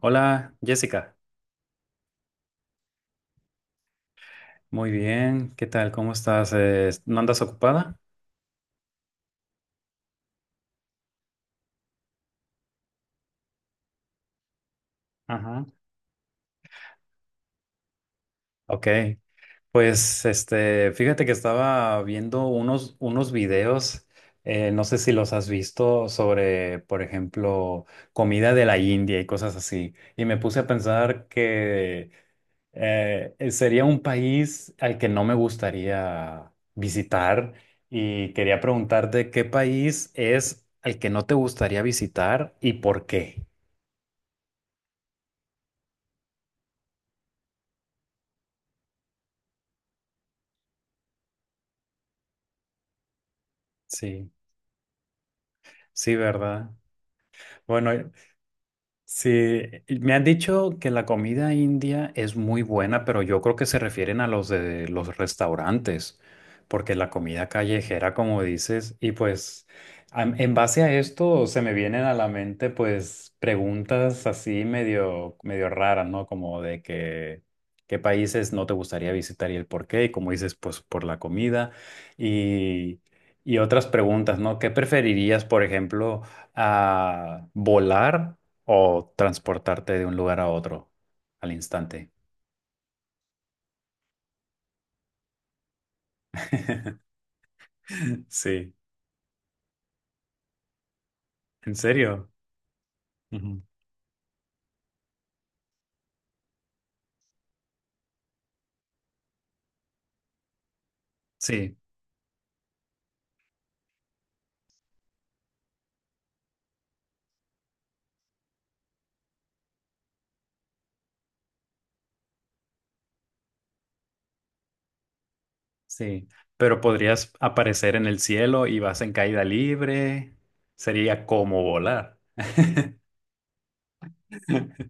Hola, Jessica. Muy bien, ¿qué tal? ¿Cómo estás? ¿No andas ocupada? Ajá. Ok, pues fíjate que estaba viendo unos videos, no sé si los has visto, sobre, por ejemplo, comida de la India y cosas así. Y me puse a pensar que sería un país al que no me gustaría visitar, y quería preguntarte qué país es al que no te gustaría visitar y por qué. Sí, sí, ¿verdad? Bueno, sí, me han dicho que la comida india es muy buena, pero yo creo que se refieren a los de los restaurantes, porque la comida callejera, como dices, y pues en base a esto se me vienen a la mente pues preguntas así medio, medio raras, ¿no? Como de que qué países no te gustaría visitar y el por qué, y como dices, pues por la comida y, y otras preguntas, ¿no? ¿Qué preferirías, por ejemplo, a volar o transportarte de un lugar a otro al instante? Sí, ¿en serio? Ujú. Sí, sí. Pero podrías aparecer en el cielo y vas en caída libre. Sería como volar.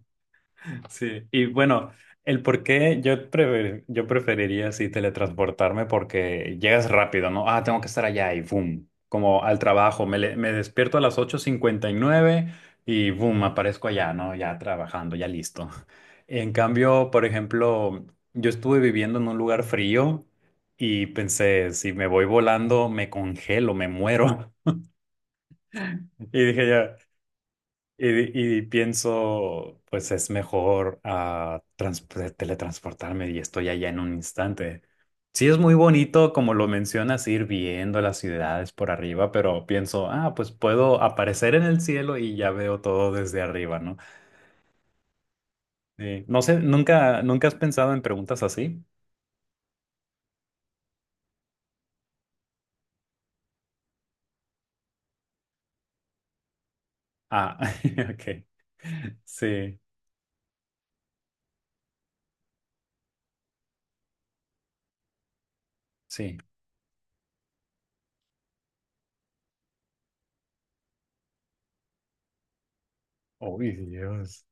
Sí, y bueno, el por qué yo, yo preferiría así teletransportarme porque llegas rápido, ¿no? Ah, tengo que estar allá y boom, como al trabajo, me despierto a las 8:59 y boom, aparezco allá, ¿no? Ya trabajando, ya listo. En cambio, por ejemplo, yo estuve viviendo en un lugar frío y pensé, si me voy volando, me congelo, me muero. Y dije ya, y pienso, pues es mejor teletransportarme y estoy allá en un instante. Sí es muy bonito, como lo mencionas, ir viendo las ciudades por arriba, pero pienso, ah, pues puedo aparecer en el cielo y ya veo todo desde arriba, ¿no? Sí. No sé, ¿nunca, nunca has pensado en preguntas así? Ah, ok. Sí, sí. Uy, Dios.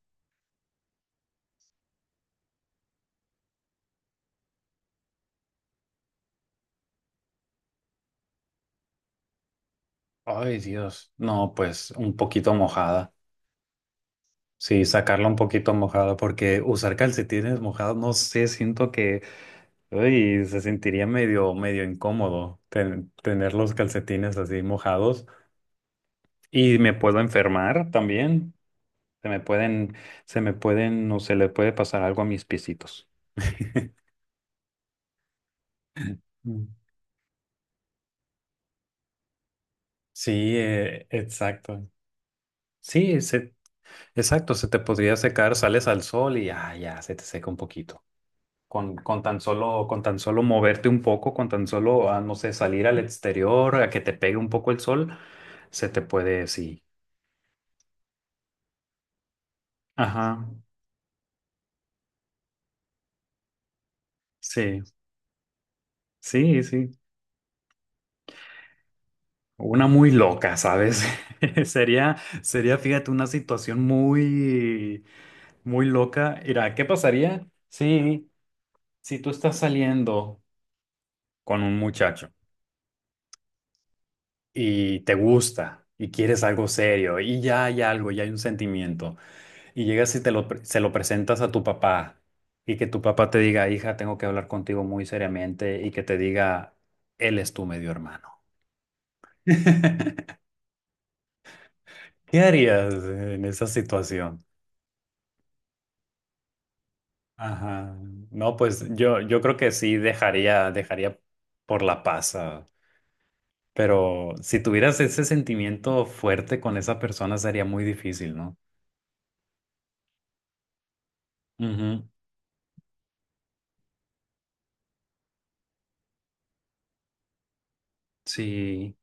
Ay, Dios. No, pues un poquito mojada. Sí, sacarla un poquito mojada porque usar calcetines mojados, no sé, siento que, uy, se sentiría medio, medio incómodo tener los calcetines así mojados y me puedo enfermar también. Se me pueden, se me pueden, o se le puede pasar algo a mis piecitos. Mm. Sí, exacto. Sí, se. Exacto, se te podría secar, sales al sol y ya, ya, se te seca un poquito. Con tan solo, con tan solo moverte un poco, con tan solo, ah, no sé, salir al exterior, a que te pegue un poco el sol, se te puede, sí. Ajá, sí, sí, sí. Una muy loca, ¿sabes? Sería, sería, fíjate, una situación muy, muy loca. Mira, ¿qué pasaría si, si tú estás saliendo con un muchacho y te gusta y quieres algo serio y ya hay algo, ya hay un sentimiento, y llegas y se lo presentas a tu papá, y que tu papá te diga, hija, tengo que hablar contigo muy seriamente, y que te diga, él es tu medio hermano? ¿Qué harías en esa situación? Ajá. No, pues yo creo que sí dejaría, dejaría por la paz, ah, pero si tuvieras ese sentimiento fuerte con esa persona sería muy difícil, ¿no? Ujú. Sí.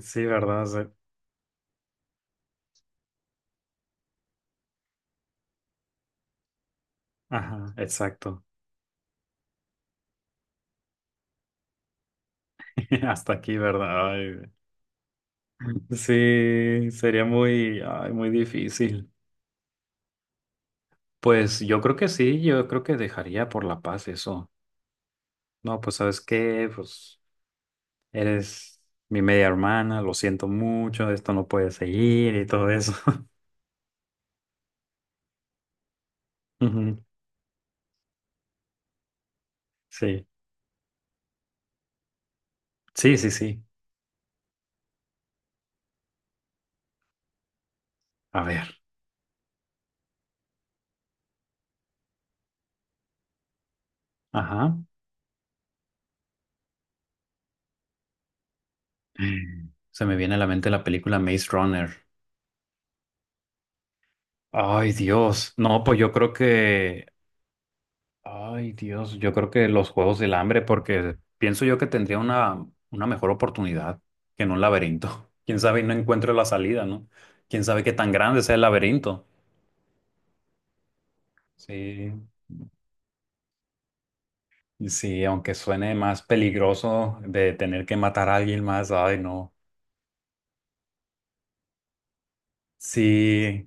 Sí, ¿verdad? Sí. Ajá, exacto. Hasta aquí, ¿verdad? Ay, sí, sería muy, ay, muy difícil. Pues yo creo que sí, yo creo que dejaría por la paz eso. No, pues ¿sabes qué? Pues eres mi media hermana, lo siento mucho, esto no puede seguir y todo eso. Ujú, sí, sí, sí, sí. A ver, ajá. Mm. Se me viene a la mente la película Maze Runner. Ay, Dios. No, pues yo creo que, ay, Dios, yo creo que los Juegos del Hambre, porque pienso yo que tendría una mejor oportunidad que en un laberinto. Quién sabe y no encuentro la salida, ¿no? Quién sabe qué tan grande sea el laberinto. Sí, sí, aunque suene más peligroso de tener que matar a alguien más, ay, no. Sí,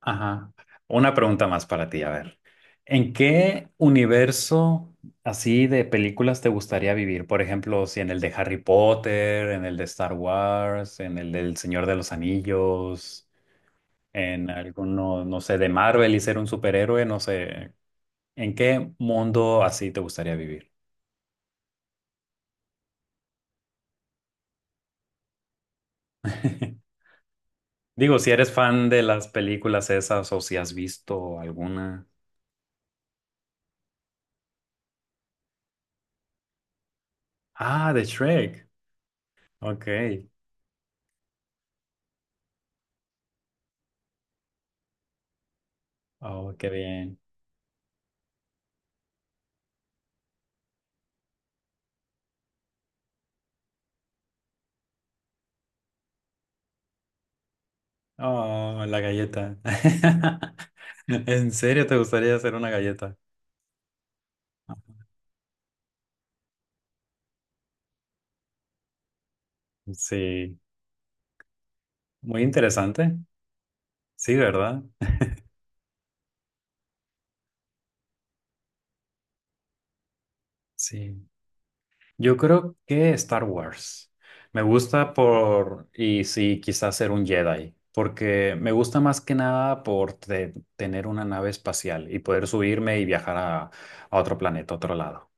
ajá. Una pregunta más para ti, a ver. ¿En qué universo así de películas te gustaría vivir? Por ejemplo, si en el de Harry Potter, en el de Star Wars, en el del Señor de los Anillos, en alguno, no sé, de Marvel y ser un superhéroe, no sé. ¿En qué mundo así te gustaría vivir? Digo, si eres fan de las películas esas o si has visto alguna. Ah, de Shrek. Ok. Oh, qué bien. Oh, la galleta. ¿En serio te gustaría hacer una galleta? Sí, muy interesante. Sí, ¿verdad? Sí. Yo creo que Star Wars. Me gusta por, y sí, quizás ser un Jedi, porque me gusta más que nada por tener una nave espacial y poder subirme y viajar a otro planeta, a otro lado.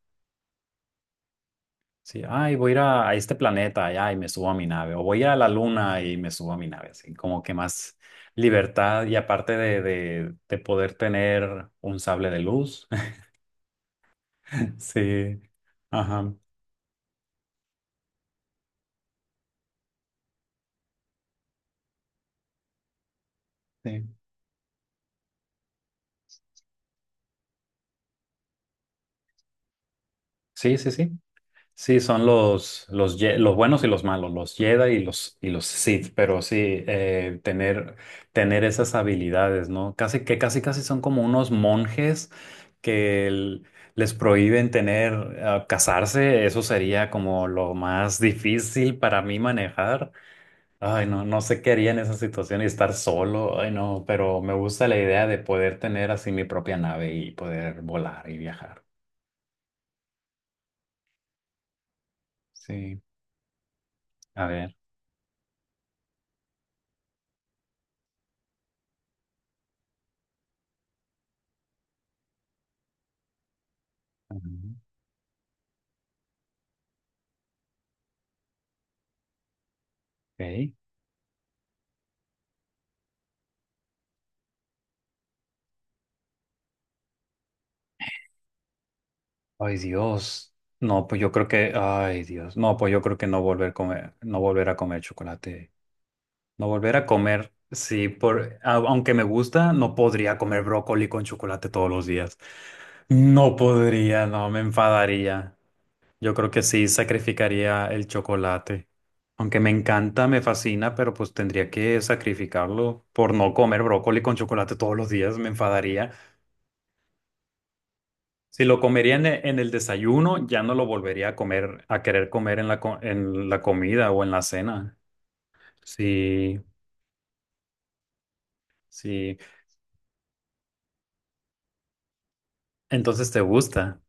Sí, ay, voy a ir a este planeta allá y me subo a mi nave, o voy a ir a la luna y me subo a mi nave, así como que más libertad y aparte de poder tener un sable de luz. Sí, ajá. Sí, sí, sí. Sí. Sí, son los buenos y los malos, los Jedi y y los Sith, pero sí, tener, tener esas habilidades, ¿no? Casi que casi casi son como unos monjes que el- les prohíben tener, ah, casarse. Eso sería como lo más difícil para mí manejar. Ay, no, no sé qué haría en esa situación y estar solo, ay, no, pero me gusta la idea de poder tener así mi propia nave y poder volar y viajar. Sí, a ver. Ujú. Ok. Ay, Dios. No, pues yo creo que, ay, Dios. No, pues yo creo que no volver a comer, no volver a comer chocolate. No volver a comer, sí, por, aunque me gusta, no podría comer brócoli con chocolate todos los días. No podría, no, me enfadaría. Yo creo que sí, sacrificaría el chocolate. Aunque me encanta, me fascina, pero pues tendría que sacrificarlo por no comer brócoli con chocolate todos los días, me enfadaría. Si lo comería en en el desayuno, ya no lo volvería a comer, a querer comer en en la comida o en la cena. Sí, sí. Entonces te gusta.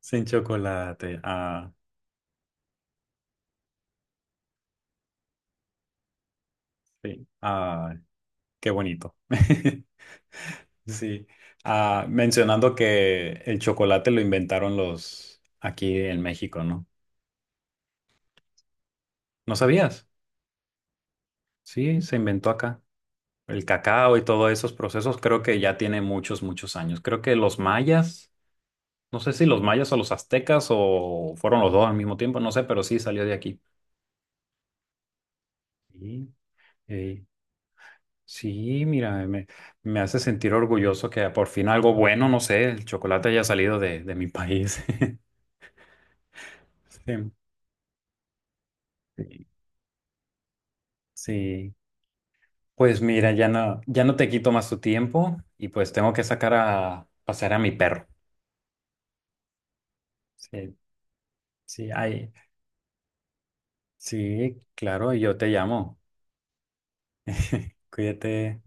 Sin chocolate. Ah, sí. Ah, qué bonito. Sí. Ah, mencionando que el chocolate lo inventaron los aquí en México, ¿no? ¿No sabías? Sí, se inventó acá. El cacao y todos esos procesos creo que ya tiene muchos, muchos años. Creo que los mayas. No sé si los mayas o los aztecas o fueron los dos al mismo tiempo, no sé, pero sí salió de aquí. Sí, eh, sí, mira, me hace sentir orgulloso que por fin algo bueno, no sé, el chocolate haya salido de mi país. Sí, sí. Sí. Pues mira, ya no, ya no te quito más tu tiempo y pues tengo que sacar a pasear a mi perro. Sí, sí, ay, sí, claro, y yo te llamo. Cuídate.